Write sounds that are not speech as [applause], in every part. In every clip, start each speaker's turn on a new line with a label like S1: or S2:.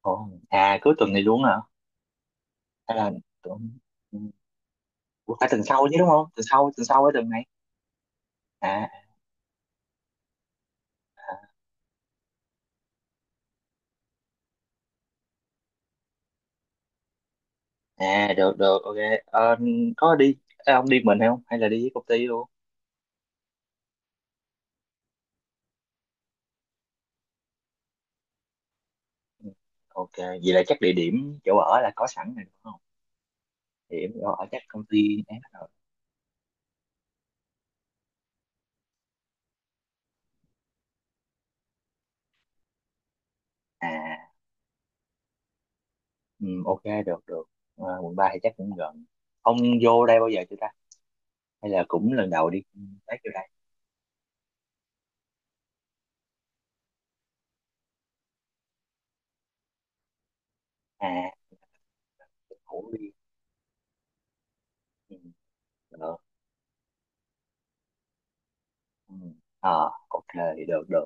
S1: Ồ, cuối tuần này luôn hả? Hay là tưởng ừ, ủa, phải tuần sau chứ đúng không? Tuần sau cái tuần này. À, à được được, ok. Ờ, có đi à, ông đi mình hay không? Hay là đi với công ty luôn? Ừ, ok, vậy là chắc địa điểm chỗ ở là có sẵn rồi đúng không? Địa điểm chỗ ở chắc công ty ấy rồi. À, ừ, ok được được. Ờ, quận 3 thì chắc cũng gần. Ông vô đây bao giờ chưa ta? Hay là cũng lần đầu đi. Ừ, tới vô đây? À, cũng đi. Ừ, được. Ừ. Ờ, ok, được được.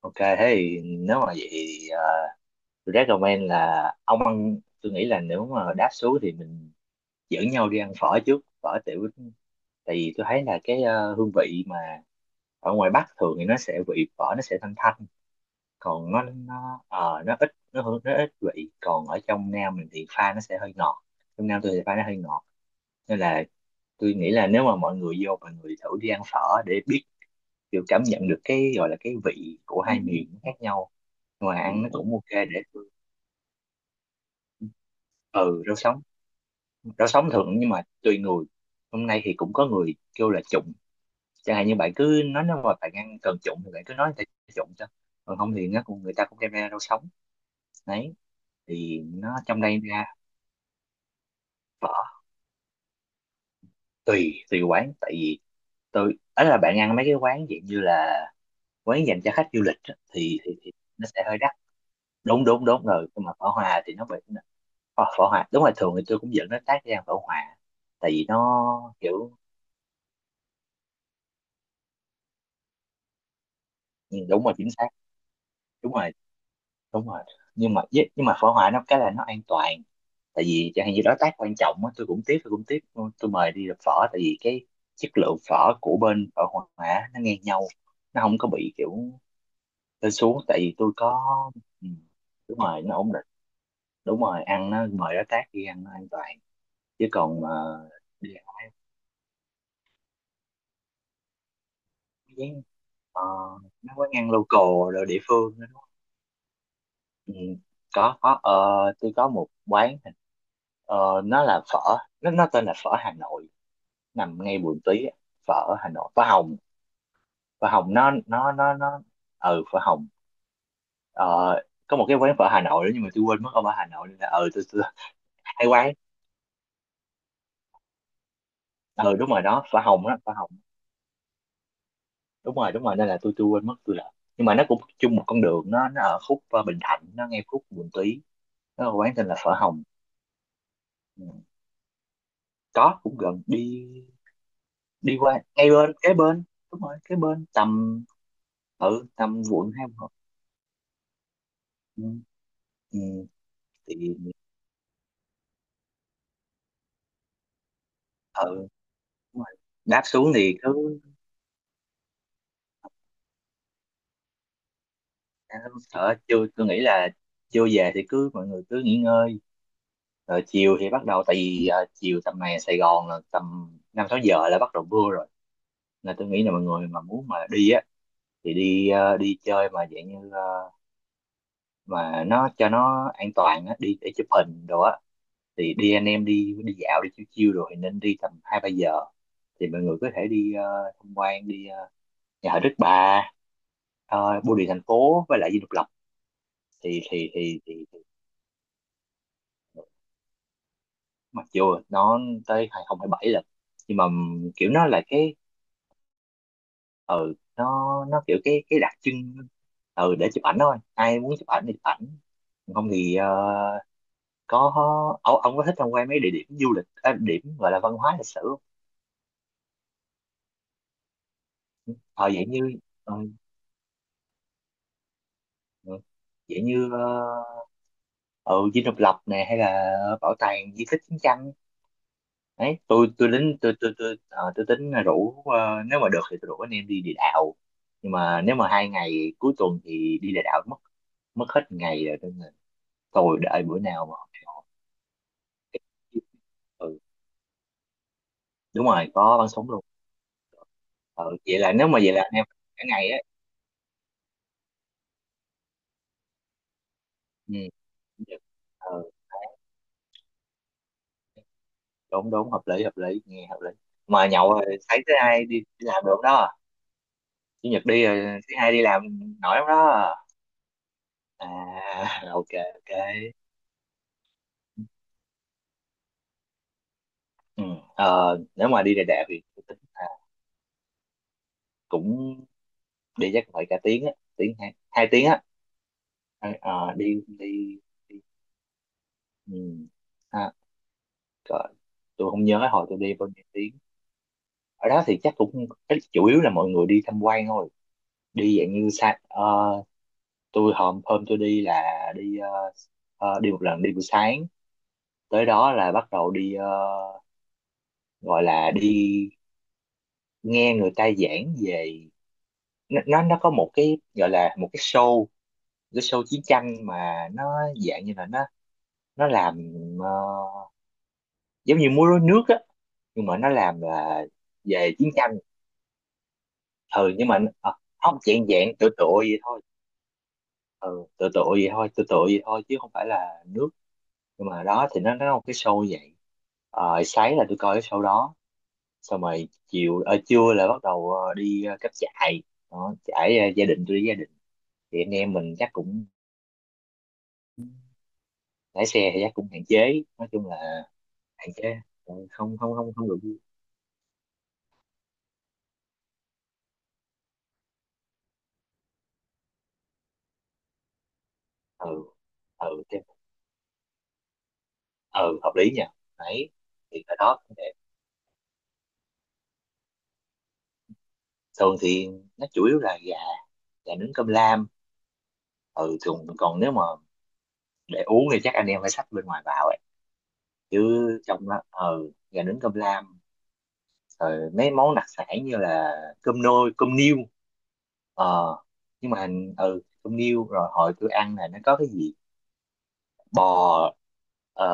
S1: Ok, thế thì nếu mà vậy thì tôi recommend là ông ăn, tôi nghĩ là nếu mà đáp xuống thì mình dẫn nhau đi ăn phở trước, phở tiểu, tại vì tôi thấy là cái hương vị mà ở ngoài Bắc thường thì nó sẽ vị phở nó sẽ thanh thanh, còn nó nó ít nó hương nó ít vị, còn ở trong Nam mình thì pha nó sẽ hơi ngọt, trong Nam tôi thì pha nó hơi ngọt, nên là tôi nghĩ là nếu mà mọi người vô mọi người thử đi ăn phở để biết kiểu cảm nhận được cái gọi là cái vị của, ừ, hai miền nó khác nhau, ngoài ăn nó cũng ok để ừ rau sống, rau sống thường nhưng mà tùy người. Hôm nay thì cũng có người kêu là trụng, chẳng hạn như bạn cứ nói nếu mà bạn ăn cần trụng thì bạn cứ nói người ta trụng cho, còn không thì nó cũng người ta cũng đem ra rau sống đấy, thì nó trong đây ra phở tùy tùy quán. Tại vì tôi ấy là bạn ăn mấy cái quán dạng như là quán dành cho khách du lịch á, thì nó sẽ hơi đắt. Đúng đúng đúng rồi, nhưng mà phở hòa thì nó bị phở, phở hòa đúng là thường thì tôi cũng dẫn nó tác ra phở hòa tại vì nó kiểu ừ, đúng rồi, chính xác, đúng rồi, đúng rồi, nhưng mà với- nhưng mà phở hoài nó cái là nó an toàn, tại vì chẳng hạn như đối tác quan trọng á tôi cũng tiếp tôi mời đi làm phở, tại vì cái chất lượng phở của bên phở hoài á, nó ngang nhau, nó không có bị kiểu lên xuống tại vì tôi có ừ, đúng rồi nó ổn định, đúng rồi ăn nó mời đối tác đi ăn nó an toàn, chứ còn đi ăn với nó quán ăn local rồi địa phương đó, đúng không? Ừ, có tôi có một quán, nó là phở, nó tên là phở Hà Nội, nằm ngay Bùi Tí á, phở ở Hà Nội phở Hồng, phở Hồng nó ừ phở Hồng. ờ, có một cái quán phở Hà Nội nữa nhưng mà tôi quên mất, ông ở Hà Nội nên là ừ tôi hay quán ừ đúng rồi đó, phở Hồng đó, phở Hồng, đúng rồi nên là tôi quên mất tôi là, nhưng mà nó cũng chung một con đường, nó ở khúc Bình Thạnh, nó ngay khúc Bùi Tí, nó là quán tên là phở Hồng. Ừ, có cũng gần, đi đi qua ngay bên kế bên, đúng rồi kế bên tầm ừ tầm quận hai quận ừ. Ừ. Thì ừ đúng rồi. Đáp xuống thì cứ, à, sợ chưa, tôi nghĩ là chưa về thì cứ mọi người cứ nghỉ ngơi, rồi chiều thì bắt đầu, tại vì à, chiều tầm này Sài Gòn là tầm năm sáu giờ là bắt đầu mưa rồi, là tôi nghĩ là mọi người mà muốn mà đi á thì đi à, đi chơi mà dạng như à, mà nó cho nó an toàn á đi để chụp hình đồ á thì đi anh em đi đi dạo đi chiêu chiêu rồi thì nên đi tầm hai ba giờ, thì mọi người có thể đi à, tham quan đi à, nhà thờ Đức Bà, bưu điện thành phố với lại Dinh Độc Lập, thì thì, mặc dù nó tới 2027 là, nhưng mà kiểu nó là cái ừ nó kiểu cái đặc trưng ừ để chụp ảnh thôi, ai muốn chụp ảnh thì chụp ảnh. Còn không thì có ông có thích tham quan mấy địa điểm du lịch à, điểm gọi là văn hóa lịch sử không? Ờ dạng như ờ, ừ, dạng như ờ ừ, Dinh Độc Lập nè hay là bảo tàng di tích chiến tranh đấy, tôi tôi tính là rủ nếu mà được thì tôi rủ anh em đi địa đạo, nhưng mà nếu mà hai ngày cuối tuần thì đi địa đạo mất mất hết ngày rồi nên là tôi đợi bữa nào mà họ ừ, đúng rồi có bắn súng luôn. Ừ, vậy là nếu mà vậy là anh em cả ngày á ừ. Ừ, đúng đúng hợp lý nghe hợp lý, mà nhậu rồi thấy thứ hai đi, đi làm được đó, chủ nhật đi rồi thứ hai đi làm nổi lắm đó à [laughs] ok ok ừ. Ờ, nếu mà đi đại đẹp thì tôi tính là cũng đi chắc phải cả tiếng á tiếng hai hai tiếng á, ờ, đi đi, đi. Ừ. À, rồi. Tôi không nhớ hồi tôi đi bao nhiêu tiếng, ở đó thì chắc cũng ít- chủ yếu là mọi người đi tham quan thôi, đi dạng như sa ờ, tôi hôm hôm tôi đi là đi đi một lần đi buổi sáng, tới đó là bắt đầu đi gọi là đi nghe người ta giảng về nó, nó có một cái gọi là một cái show, cái show chiến tranh mà nó dạng như là nó làm ờ, giống như múa rối nước á, nhưng mà nó làm là về chiến tranh ừ, nhưng mà không dạng dạng tựa tựa vậy thôi, ừ tựa tựa vậy thôi tựa tựa vậy thôi chứ không phải là nước, nhưng mà đó thì nó là một cái show vậy. Ờ, sáng là tôi coi cái show đó xong rồi chiều trưa là bắt đầu đi cắm trại đó, trải ờ, gia đình tôi đi gia đình thì anh em mình chắc cũng lái xe thì chắc cũng hạn chế, nói chung là hạn chế. Ừ, không không không không được vui. Ừ thế- ừ hợp lý nha. Đấy thì ở đó cũng đẹp, thường thì nó chủ yếu là gà, gà nướng cơm lam. Ừ thường còn nếu mà để uống thì chắc anh em phải xách bên ngoài vào ấy, chứ trong đó ừ gà nướng cơm lam, rồi mấy món đặc sản như là cơm nôi cơm niêu, ờ nhưng mà ừ cơm niêu, rồi hồi tôi ăn là nó có cái gì bò ờ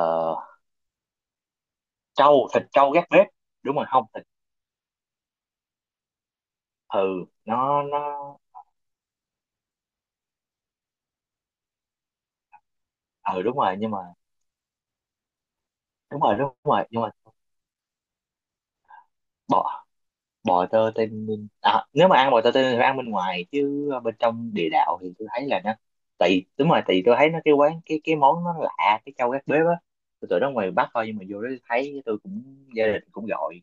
S1: trâu thịt trâu gác bếp, đúng rồi không thịt ừ nó ừ đúng rồi nhưng mà đúng rồi nhưng mà bò bò tơ tây ninh à, nếu mà ăn bò tơ tây ninh thì phải ăn bên ngoài, chứ bên trong địa đạo thì tôi thấy là nó tại vì- đúng rồi tại vì tôi thấy nó cái quán cái món nó lạ cái trâu gác bếp á, tôi tưởng nó ngoài Bắc thôi nhưng mà vô đó thấy tôi cũng gia đình cũng gọi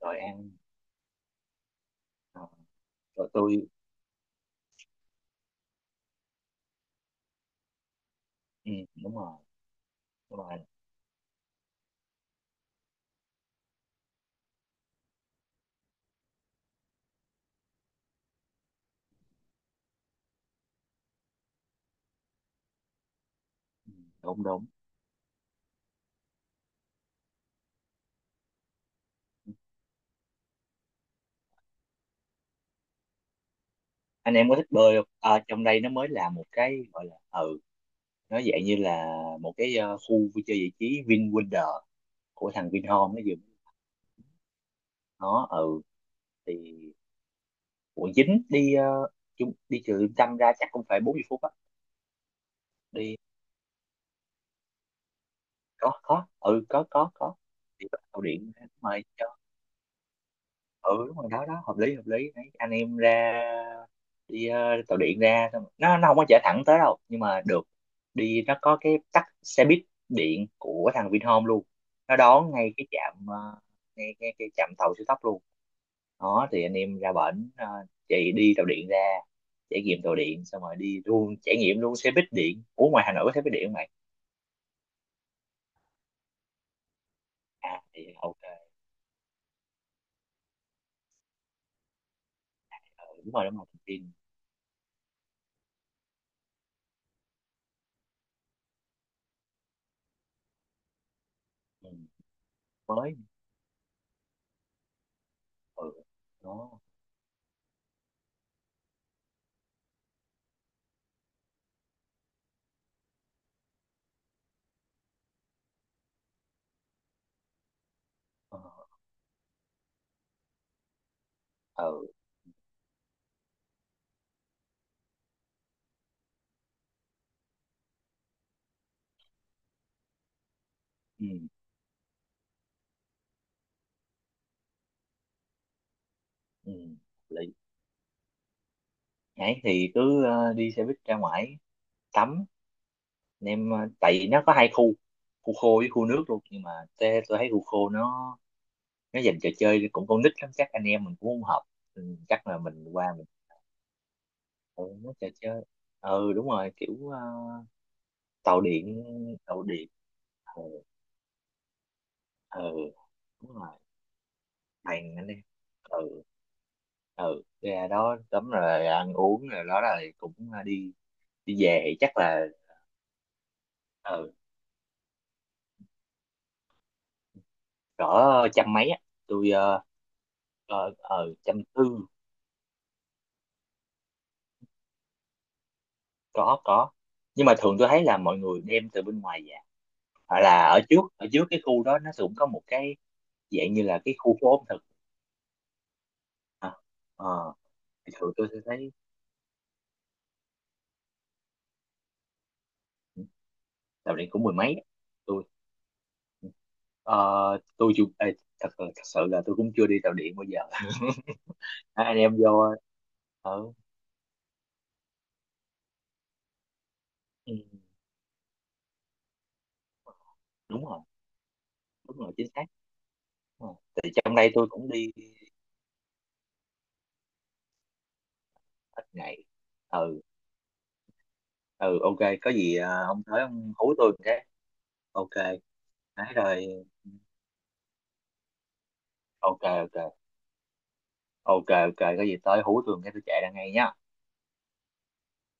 S1: rồi ăn. Ờ, rồi tôi ừ, đúng rồi đúng rồi đúng đúng. Anh em có thích bơi không? Ờ, trong đây nó mới là một cái gọi là ừ, nó dạng như là một cái khu vui chơi giải trí VinWonder của thằng Vinhome nó vừa nó ừ thì ủa dính đi chung đi trừ Liêm Tranh ra chắc cũng phải 40 phút á, đi có ừ có. Thì bắt tàu điện, mời cho ừ đúng rồi đó đó hợp lý hợp lý. Đấy, anh em ra đi tàu điện ra xong rồi- nó không có chở thẳng tới đâu nhưng mà được, đi nó có cái tắt xe buýt điện của thằng Vinhome luôn, nó đón ngay cái trạm ờ, ngay ngay cái trạm tàu siêu tốc luôn, đó thì anh em ra bển chạy đi tàu điện ra trải nghiệm tàu điện xong rồi đi luôn trải nghiệm luôn xe buýt điện. Ủa ngoài Hà Nội có xe buýt điện không mày? À thì ok, ừ, đúng rồi thông tin ừ, mới ừ đó ờ ừ ừ, ừ. Lý. Nãy thì cứ đi xe buýt ra ngoài tắm anh em tại vì nó có hai khu, khu khô với khu nước luôn, nhưng mà tôi thấy khu khô nó dành trò chơi cũng con nít lắm chắc anh em mình cũng không hợp. Ừ, chắc là mình qua ừ, nó trò chơi ừ đúng rồi kiểu tàu điện tàu điện ừ, ừ đúng rồi bàn anh em ừ ừ ra đó tắm rồi ăn uống rồi đó rồi cũng đi đi về thì chắc là ừ cỡ trăm mấy á tôi ờ ờ trăm tư. Có, nhưng mà thường tôi thấy là mọi người đem từ bên ngoài về, hoặc là ở trước cái khu đó nó cũng có một cái dạng như là cái khu phố ẩm thực. À, ờ thì thường tôi sẽ thấy dạo này cũng mười mấy á. Tôi ờ, tôi chưa ê, thật sự là tôi cũng chưa đi tàu điện bao giờ [laughs] Hai anh em vô ở đúng rồi đúng rồi chính xác đúng rồi. Thì trong đây tôi cũng đi ít ngày ừ ừ ok, có gì à, ông tới ông hú tôi một cái ok đấy rồi ừ, ok ok ok ok có gì tới hú tôi một cái tôi chạy ra ngay nhá.